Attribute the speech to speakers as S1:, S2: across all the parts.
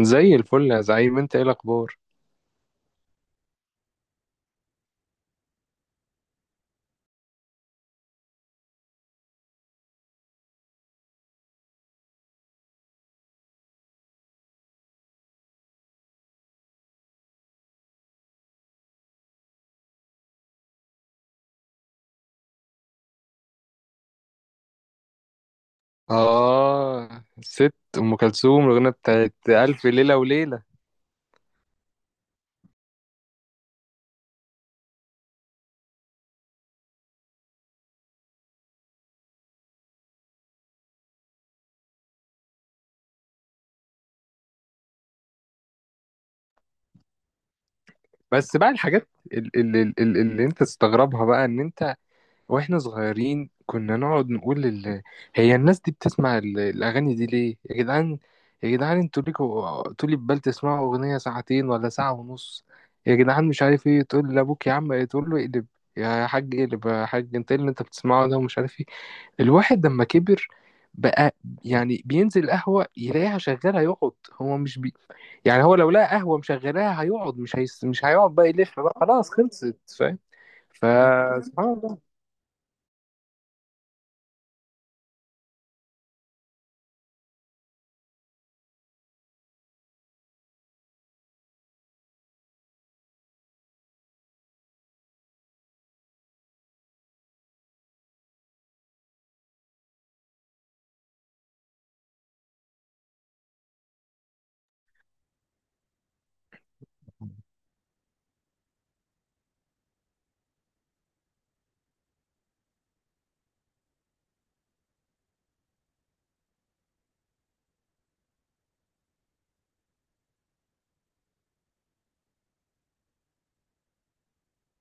S1: زي الفل يا زعيم، انت ايه الاخبار؟ اه، ست ام كلثوم الاغنيه بتاعت الف ليله وليله. بس بقى الحاجات اللي انت تستغربها بقى ان انت واحنا صغيرين كنا نقعد نقول هي الناس دي بتسمع الاغاني دي ليه يا جدعان؟ يا جدعان انتوا ليكوا طول بال تسمعوا اغنيه ساعتين ولا ساعة ونص؟ يا جدعان، مش عارف ايه، تقول لابوك يا عم تقول له اقلب يا حاج، اقلب يا حاج، انت ايه اللي انت بتسمعه ده ومش عارف ايه. الواحد لما كبر بقى، يعني بينزل قهوة يلاقيها شغالة يقعد، هو مش بي يعني هو لو لقى قهوة مشغلاها هيقعد، مش هيقعد بقى يلف بقى، خلاص خلصت، فاهم؟ فسبحان الله.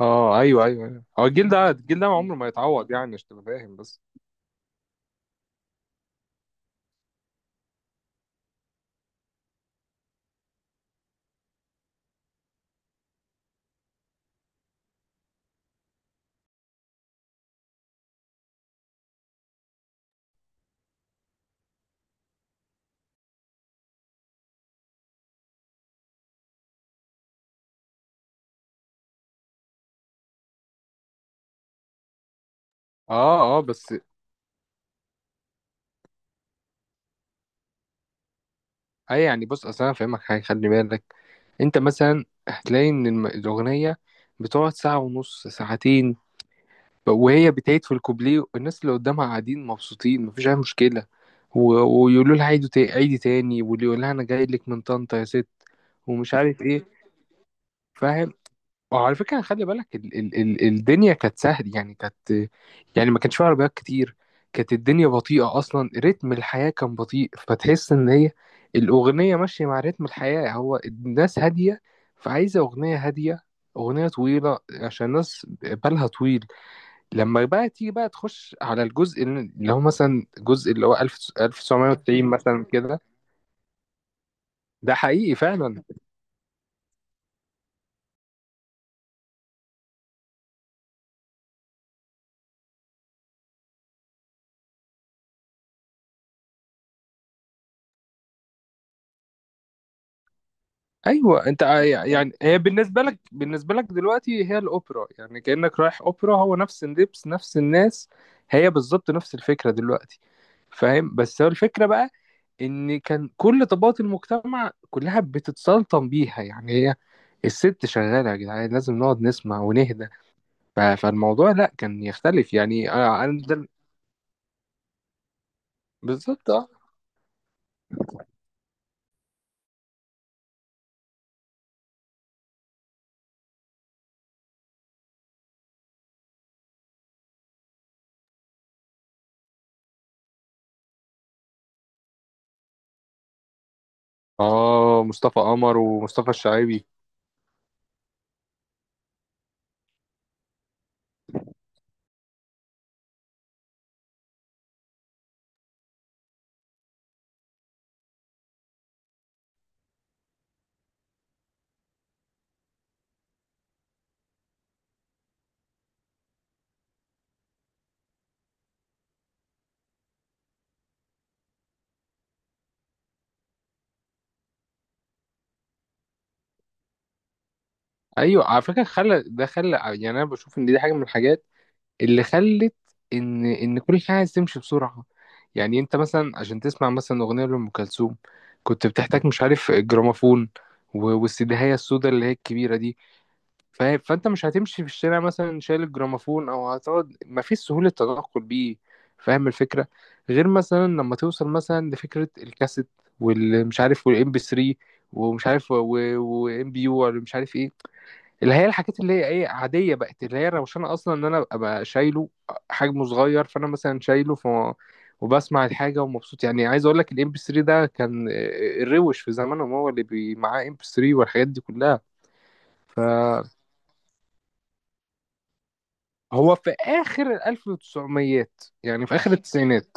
S1: اه ايوه ايوه أيوة. هو الجيل ده، الجيل ده عمره ما يتعوض يعني، عشان تبقى فاهم بس. اه اه، بس اي يعني، بص اصل انا فاهمك حاجة، خلي بالك. انت مثلا هتلاقي ان الاغنية بتقعد ساعة ونص، ساعتين وهي بتعيد في الكوبليه، الناس اللي قدامها قاعدين مبسوطين، مفيش اي مشكله. ويقولوا لها عيدي، عيدي تاني، واللي يقول لها انا جاي لك من طنطا يا ست، ومش عارف ايه، فاهم؟ وعلى فكره خلي بالك، الدنيا كانت سهل يعني، كانت يعني ما كانش فيها عربيات كتير، كانت الدنيا بطيئه، اصلا رتم الحياه كان بطيء، فتحس ان هي الاغنيه ماشيه مع رتم الحياه، هو الناس هاديه فعايزه اغنيه هاديه، اغنيه طويله عشان الناس بالها طويل. لما بقى تيجي بقى تخش على الجزء اللي هو مثلا، الجزء اللي هو 1000 1990 مثلا كده، ده حقيقي فعلا. يعني هي بالنسبه لك، بالنسبه لك دلوقتي هي الاوبرا يعني، كانك رايح اوبرا، هو نفس اللبس نفس الناس، هي بالظبط نفس الفكره دلوقتي، فاهم؟ بس هو الفكره بقى ان كان كل طبقات المجتمع كلها بتتسلطن بيها يعني، هي الست شغاله يا جدعان لازم نقعد نسمع ونهدى. فالموضوع لا كان يختلف يعني، أنا ده. بالظبط اه. اه، مصطفى قمر ومصطفى الشعيبي. ايوه على فكره، خلى يعني، انا بشوف ان دي حاجه من الحاجات اللي خلت ان كل حاجه عايز تمشي بسرعه. يعني انت مثلا عشان تسمع مثلا اغنيه لام كلثوم، كنت بتحتاج مش عارف الجراموفون، والسيديهايه السوداء اللي هي الكبيره دي، فاهم؟ فانت مش هتمشي في الشارع مثلا شايل الجراموفون، او هتقعد، ما فيش سهولة تنقل بيه، فاهم الفكرة؟ غير مثلا لما توصل مثلا لفكرة الكاسيت، والمش عارف والام بي 3، ومش عارف وام بي يو، ولا مش عارف ايه، اللي هي الحاجات اللي هي ايه، عادية بقت، اللي هي روشانة اصلا ان انا ابقى شايله، حجمه صغير فانا مثلا شايله وبسمع الحاجة ومبسوط يعني. عايز اقول لك الام بي 3 ده كان الروش في زمانهم هو اللي معاه ام بي 3 والحاجات دي كلها. ف هو في اخر الالف وتسعميات، يعني في اخر التسعينات.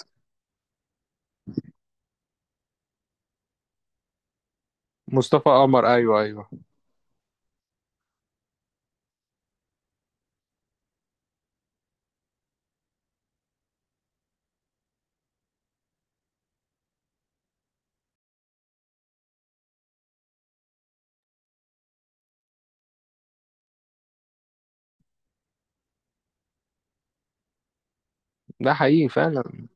S1: مصطفى قمر، ايوه ايوه. ده حقيقي فعلا.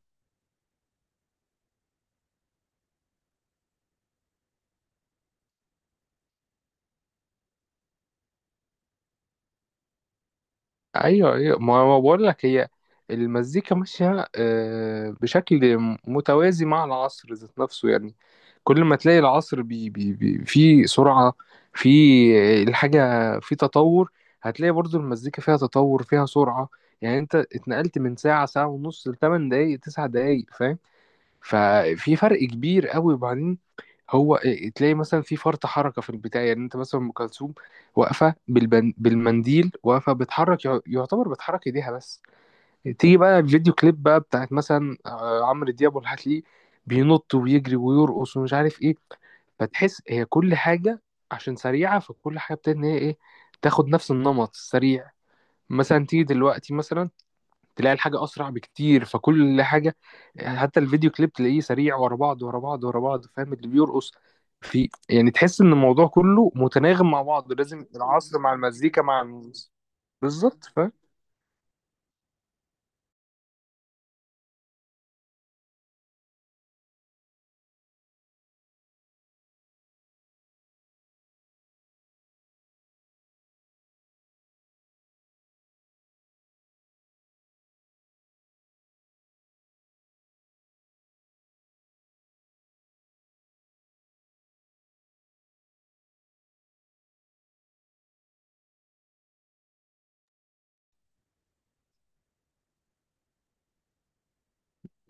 S1: ايوه ايوه، ما هو بقول لك، هي المزيكا ماشيه بشكل متوازي مع العصر ذات نفسه يعني، كل ما تلاقي العصر بي في سرعه، في الحاجه، في تطور، هتلاقي برضو المزيكا فيها تطور فيها سرعه. يعني انت اتنقلت من ساعه، ساعه ونص، لثمان دقايق تسع دقايق، فاهم؟ ففي فرق كبير قوي. وبعدين هو تلاقي مثلا في فرط حركه في البتاع، يعني انت مثلا ام كلثوم واقفه بالمنديل واقفه بتحرك، يعتبر بتحرك ايديها بس. تيجي بقى الفيديو كليب بقى بتاعت مثلا عمرو دياب والحتلي، بينط ويجري ويرقص ومش عارف ايه، فتحس هي كل حاجه عشان سريعه، فكل حاجه بتبتدي ان هي ايه، تاخد نفس النمط السريع. مثلا تيجي دلوقتي مثلا، تلاقي الحاجة أسرع بكتير، فكل حاجة حتى الفيديو كليب تلاقيه سريع، ورا بعض ورا بعض ورا بعض، فاهم؟ اللي بيرقص في، يعني تحس إن الموضوع كله متناغم مع بعض، لازم العصر مع المزيكا مع الموسيقى. بالظبط فاهم.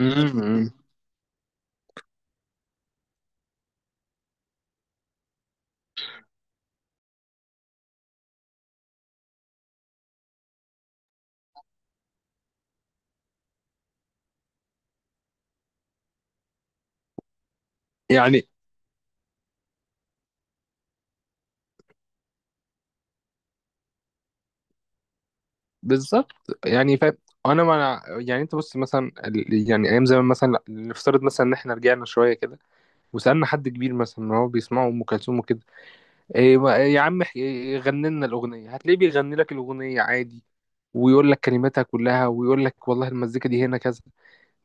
S1: أمم. يعني بالظبط، يعني فاهم. أنا ما يعني أنت بص مثلا، يعني أيام زمان مثلا، نفترض مثلا إن إحنا رجعنا شوية كده، وسألنا حد كبير مثلا إن هو بيسمعوا أم كلثوم وكده، إيه ما- إيه، يا عم غني لنا الأغنية، هتلاقيه بيغني لك الأغنية عادي، ويقول لك كلماتها كلها، ويقول لك والله المزيكا دي هنا كذا.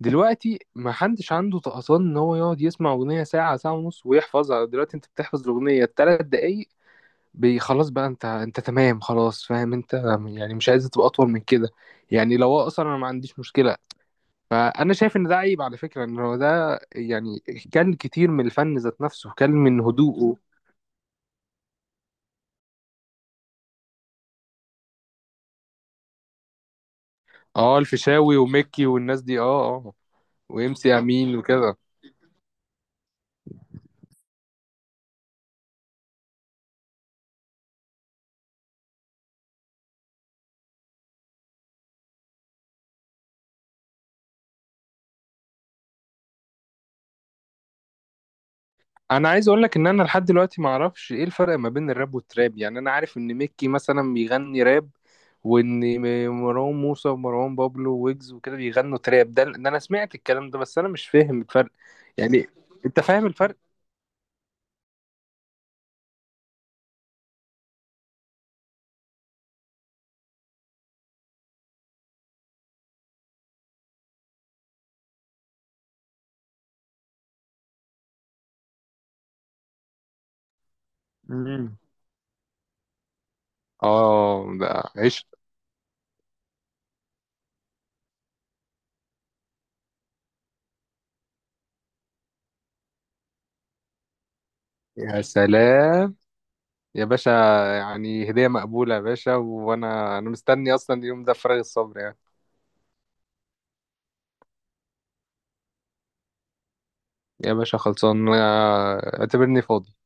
S1: دلوقتي ما حدش عنده طقطان إن هو يقعد يسمع أغنية ساعة، ساعة ونص، ويحفظها. دلوقتي أنت بتحفظ الأغنية 3 دقايق، خلاص بقى، أنت تمام خلاص، فاهم أنت؟ يعني مش عايز تبقى أطول من كده، يعني لو هو أصلا أنا ما عنديش مشكلة، فأنا شايف إن ده عيب على فكرة، إن هو ده يعني كان كتير من الفن ذات نفسه كان من هدوءه. اه، الفيشاوي وميكي والناس دي، اه اه، وام سي امين وكده. انا عايز اقول لك ان انا لحد دلوقتي ما اعرفش ايه الفرق ما بين الراب والتراب. يعني انا عارف ان ميكي مثلا بيغني راب، وان مروان موسى ومروان بابلو ويجز وكده بيغنوا تراب، ده انا سمعت الكلام ده، بس انا مش فاهم الفرق. يعني انت فاهم الفرق؟ امم اه، ده عشق. يا سلام يا باشا، يعني هدية مقبولة يا باشا، وانا مستني اصلا، اليوم ده فراغ الصبر يعني. يا باشا خلصان، اعتبرني فاضي.